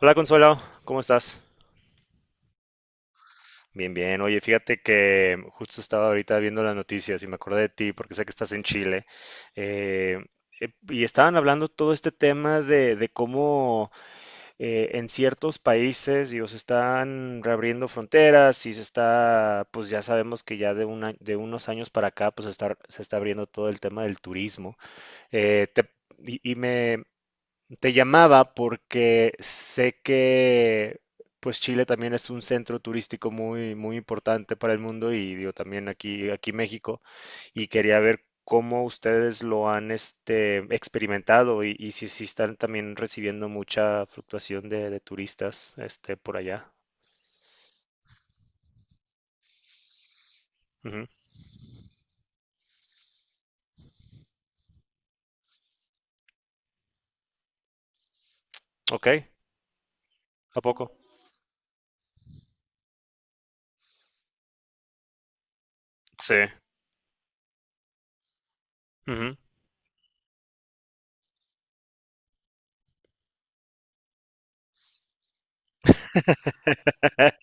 Hola Consuelo, ¿cómo estás? Bien, bien. Oye, fíjate que justo estaba ahorita viendo las noticias y me acordé de ti porque sé que estás en Chile. eh, y estaban hablando todo este tema de cómo en ciertos países, digo, se están reabriendo fronteras y pues ya sabemos que ya de unos años para acá, pues se está abriendo todo el tema del turismo. Eh, te- y, y me, Te llamaba porque sé que pues Chile también es un centro turístico muy muy importante para el mundo y digo también aquí México, y quería ver cómo ustedes lo han experimentado, y si están también recibiendo mucha fluctuación de turistas por allá. Ujú. Ok. ¿A poco? Sí. Ujú.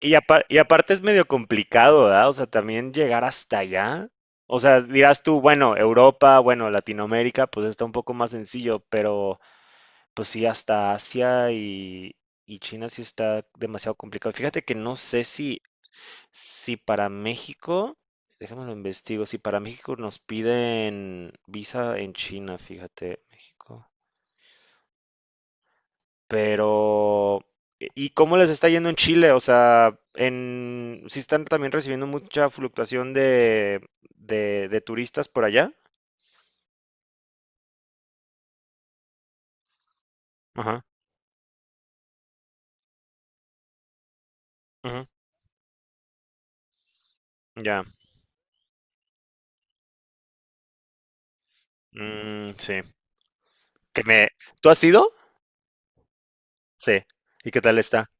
Y aparte es medio complicado, ¿verdad? O sea, también llegar hasta allá. O sea, dirás tú, bueno, Europa, bueno, Latinoamérica, pues está un poco más sencillo, pero pues sí, hasta Asia y China sí está demasiado complicado. Fíjate que no sé si, si para México, déjame lo investigo, si para México nos piden visa en China, fíjate, México. Pero, ¿y cómo les está yendo en Chile? O sea, ¿sí están también recibiendo mucha fluctuación de turistas por allá? Ajá. Ujú. Ya. Mm, sí. Que me, ¿Tú has ido? Sí. ¿Y qué tal está?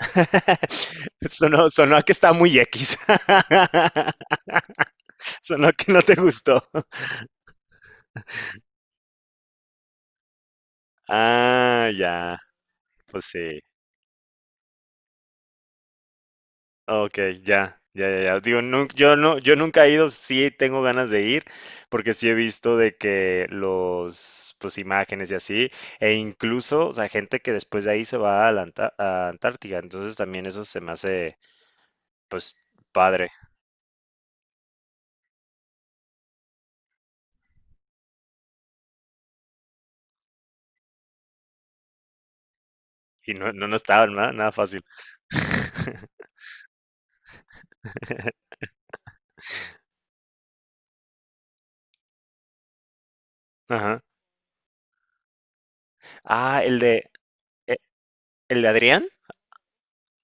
Sonó a que está muy X. Sonó a que no te gustó. Ah, ya. Pues sí. Ok, ya, ya, ya, ya. Digo, yo nunca he ido, sí tengo ganas de ir, porque sí he visto de que pues imágenes y así, e incluso, o sea, gente que después de ahí se va a a Antártica, entonces también eso se me hace, pues, padre. Y no, no, no está nada, nada fácil. Ajá. Ah, eh, el de Adrián,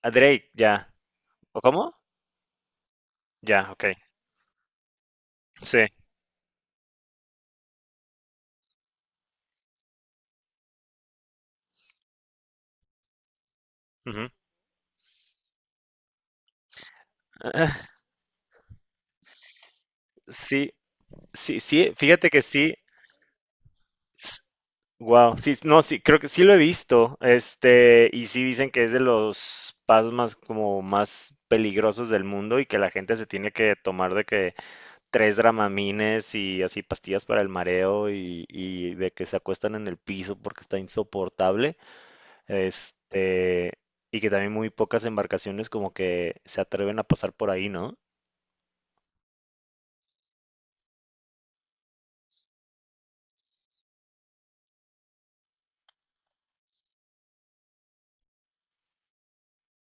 a Drake, ya. ¿O cómo? Ya, ok. Sí. Ujú. Sí, sí, sí, fíjate que sí. Wow, sí, no, sí, creo que sí lo he visto, y sí dicen que es de los pasos más, como más peligrosos del mundo, y que la gente se tiene que tomar de que tres dramamines y así pastillas para el mareo, y de que se acuestan en el piso porque está insoportable, este, y que también muy pocas embarcaciones como que se atreven a pasar por ahí, ¿no?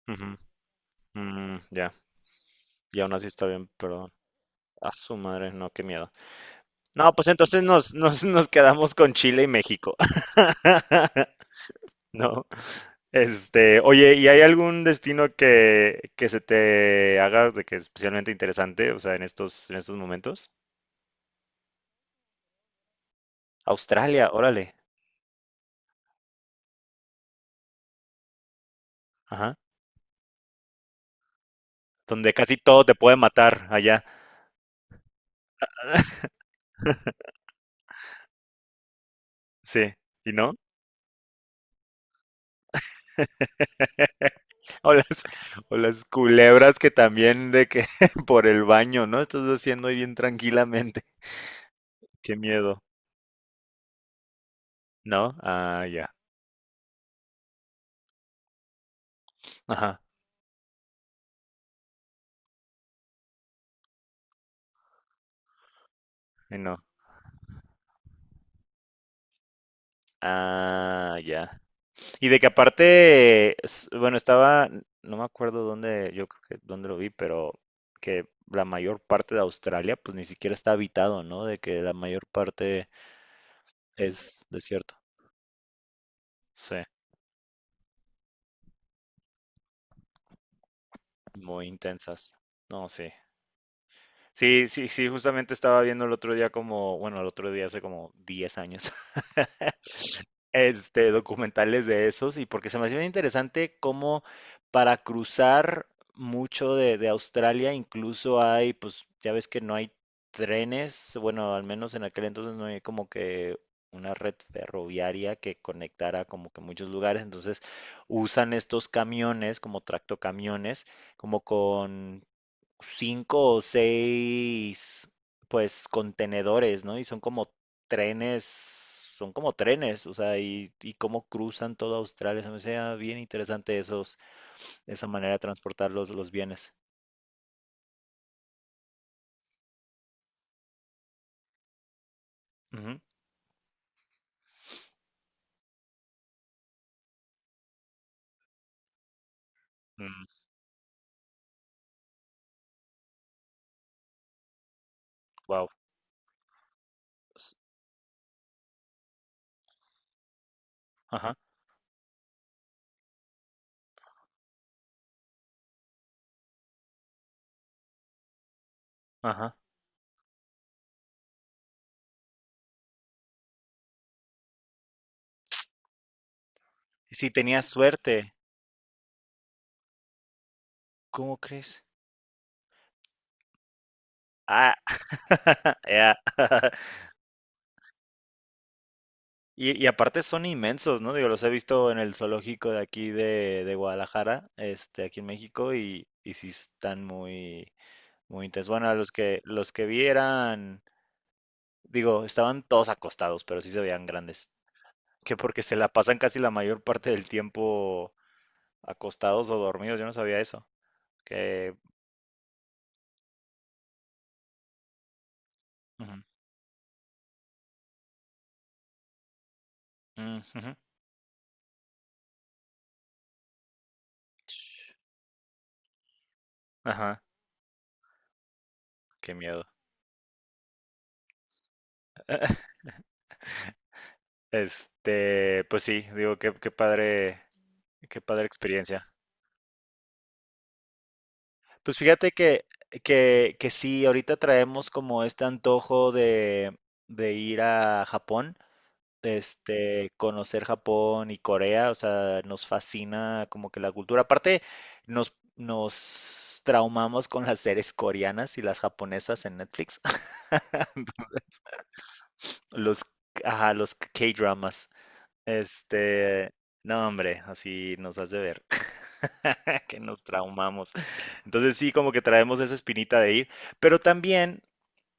Ujú. Mm, ya. Y aún así está bien, perdón. A su madre, no, qué miedo. No, pues entonces nos quedamos con Chile y México. No, oye, ¿y hay algún destino que se te haga de que especialmente interesante? O sea, en estos momentos. Australia, órale, ajá, donde casi todo te puede matar allá. Sí, ¿y no? O las, o las culebras que también de que por el baño, ¿no? Estás haciendo ahí bien tranquilamente, qué miedo, ¿no? Ah, ya, ajá, y no, ah, ya. Y de que aparte, bueno, no me acuerdo dónde, yo creo que dónde lo vi, pero que la mayor parte de Australia pues ni siquiera está habitado, ¿no? De que la mayor parte es desierto. Sí, muy intensas. No, sí. Sí, sí, sí, justamente estaba viendo el otro día, como, bueno, el otro día hace como 10 años. Documentales de esos, y porque se me hacía bien interesante cómo, para cruzar mucho de Australia, incluso hay, pues ya ves que no hay trenes, bueno, al menos en aquel entonces, no hay como que una red ferroviaria que conectara como que muchos lugares, entonces usan estos camiones como tractocamiones, como con cinco o seis, pues, contenedores, ¿no? Y son como trenes, o sea, y cómo cruzan toda Australia. Se me hacía bien interesante esos, esa manera de transportar los bienes. Ujú. Mm, wow. S- Ajá, ajá. Y si tenías suerte, ¿cómo crees? Ah, ya. Y aparte son inmensos, ¿no? Digo, los he visto en el zoológico de aquí de Guadalajara, aquí en México, y sí están muy, muy intensos. Bueno, los que vi eran, digo, estaban todos acostados, pero sí se veían grandes. Que porque se la pasan casi la mayor parte del tiempo acostados o dormidos, yo no sabía eso. Que... Ujú. Mm, ujú. Ajá, qué miedo. Pues sí, digo, qué padre experiencia. Pues fíjate que sí, ahorita traemos como este antojo de ir a Japón, conocer Japón y Corea, o sea, nos fascina como que la cultura. Aparte, nos traumamos con las series coreanas y las japonesas en Netflix. Los, ajá, los K-dramas. Este, no, hombre, así nos hace ver que nos traumamos. Entonces sí, como que traemos esa espinita de ir, pero también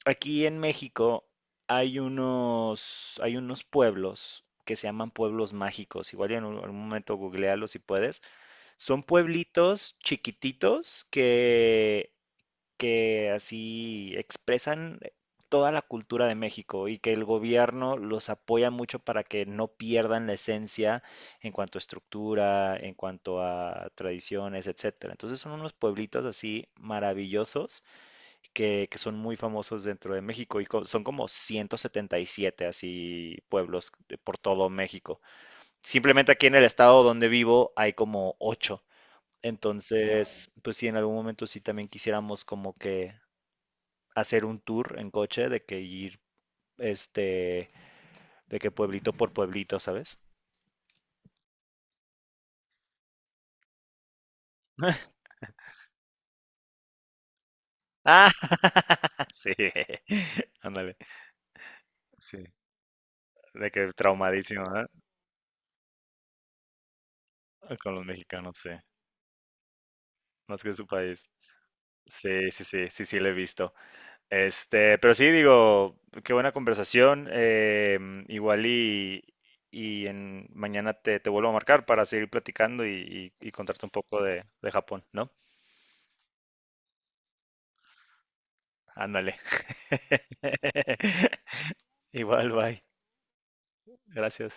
aquí en México hay unos, pueblos que se llaman pueblos mágicos. Igual y algún momento googlealo si puedes. Son pueblitos chiquititos que así expresan toda la cultura de México, y que el gobierno los apoya mucho para que no pierdan la esencia en cuanto a estructura, en cuanto a tradiciones, etcétera. Entonces son unos pueblitos así maravillosos que son muy famosos dentro de México, son como 177 así pueblos por todo México. Simplemente aquí en el estado donde vivo hay como 8. Entonces, pues sí, en algún momento sí también quisiéramos como que hacer un tour en coche, de que ir, este, de que pueblito por pueblito, ¿sabes? Ah, sí, ándale, sí, de que traumadísimo, ¿eh? Con los mexicanos, sí, más que su país. Sí, sí, sí, sí, sí, lo he visto. Pero sí, digo, qué buena conversación. Igual mañana te vuelvo a marcar para seguir platicando, y contarte un poco de Japón, ¿no? Ándale. Igual, bye. Gracias.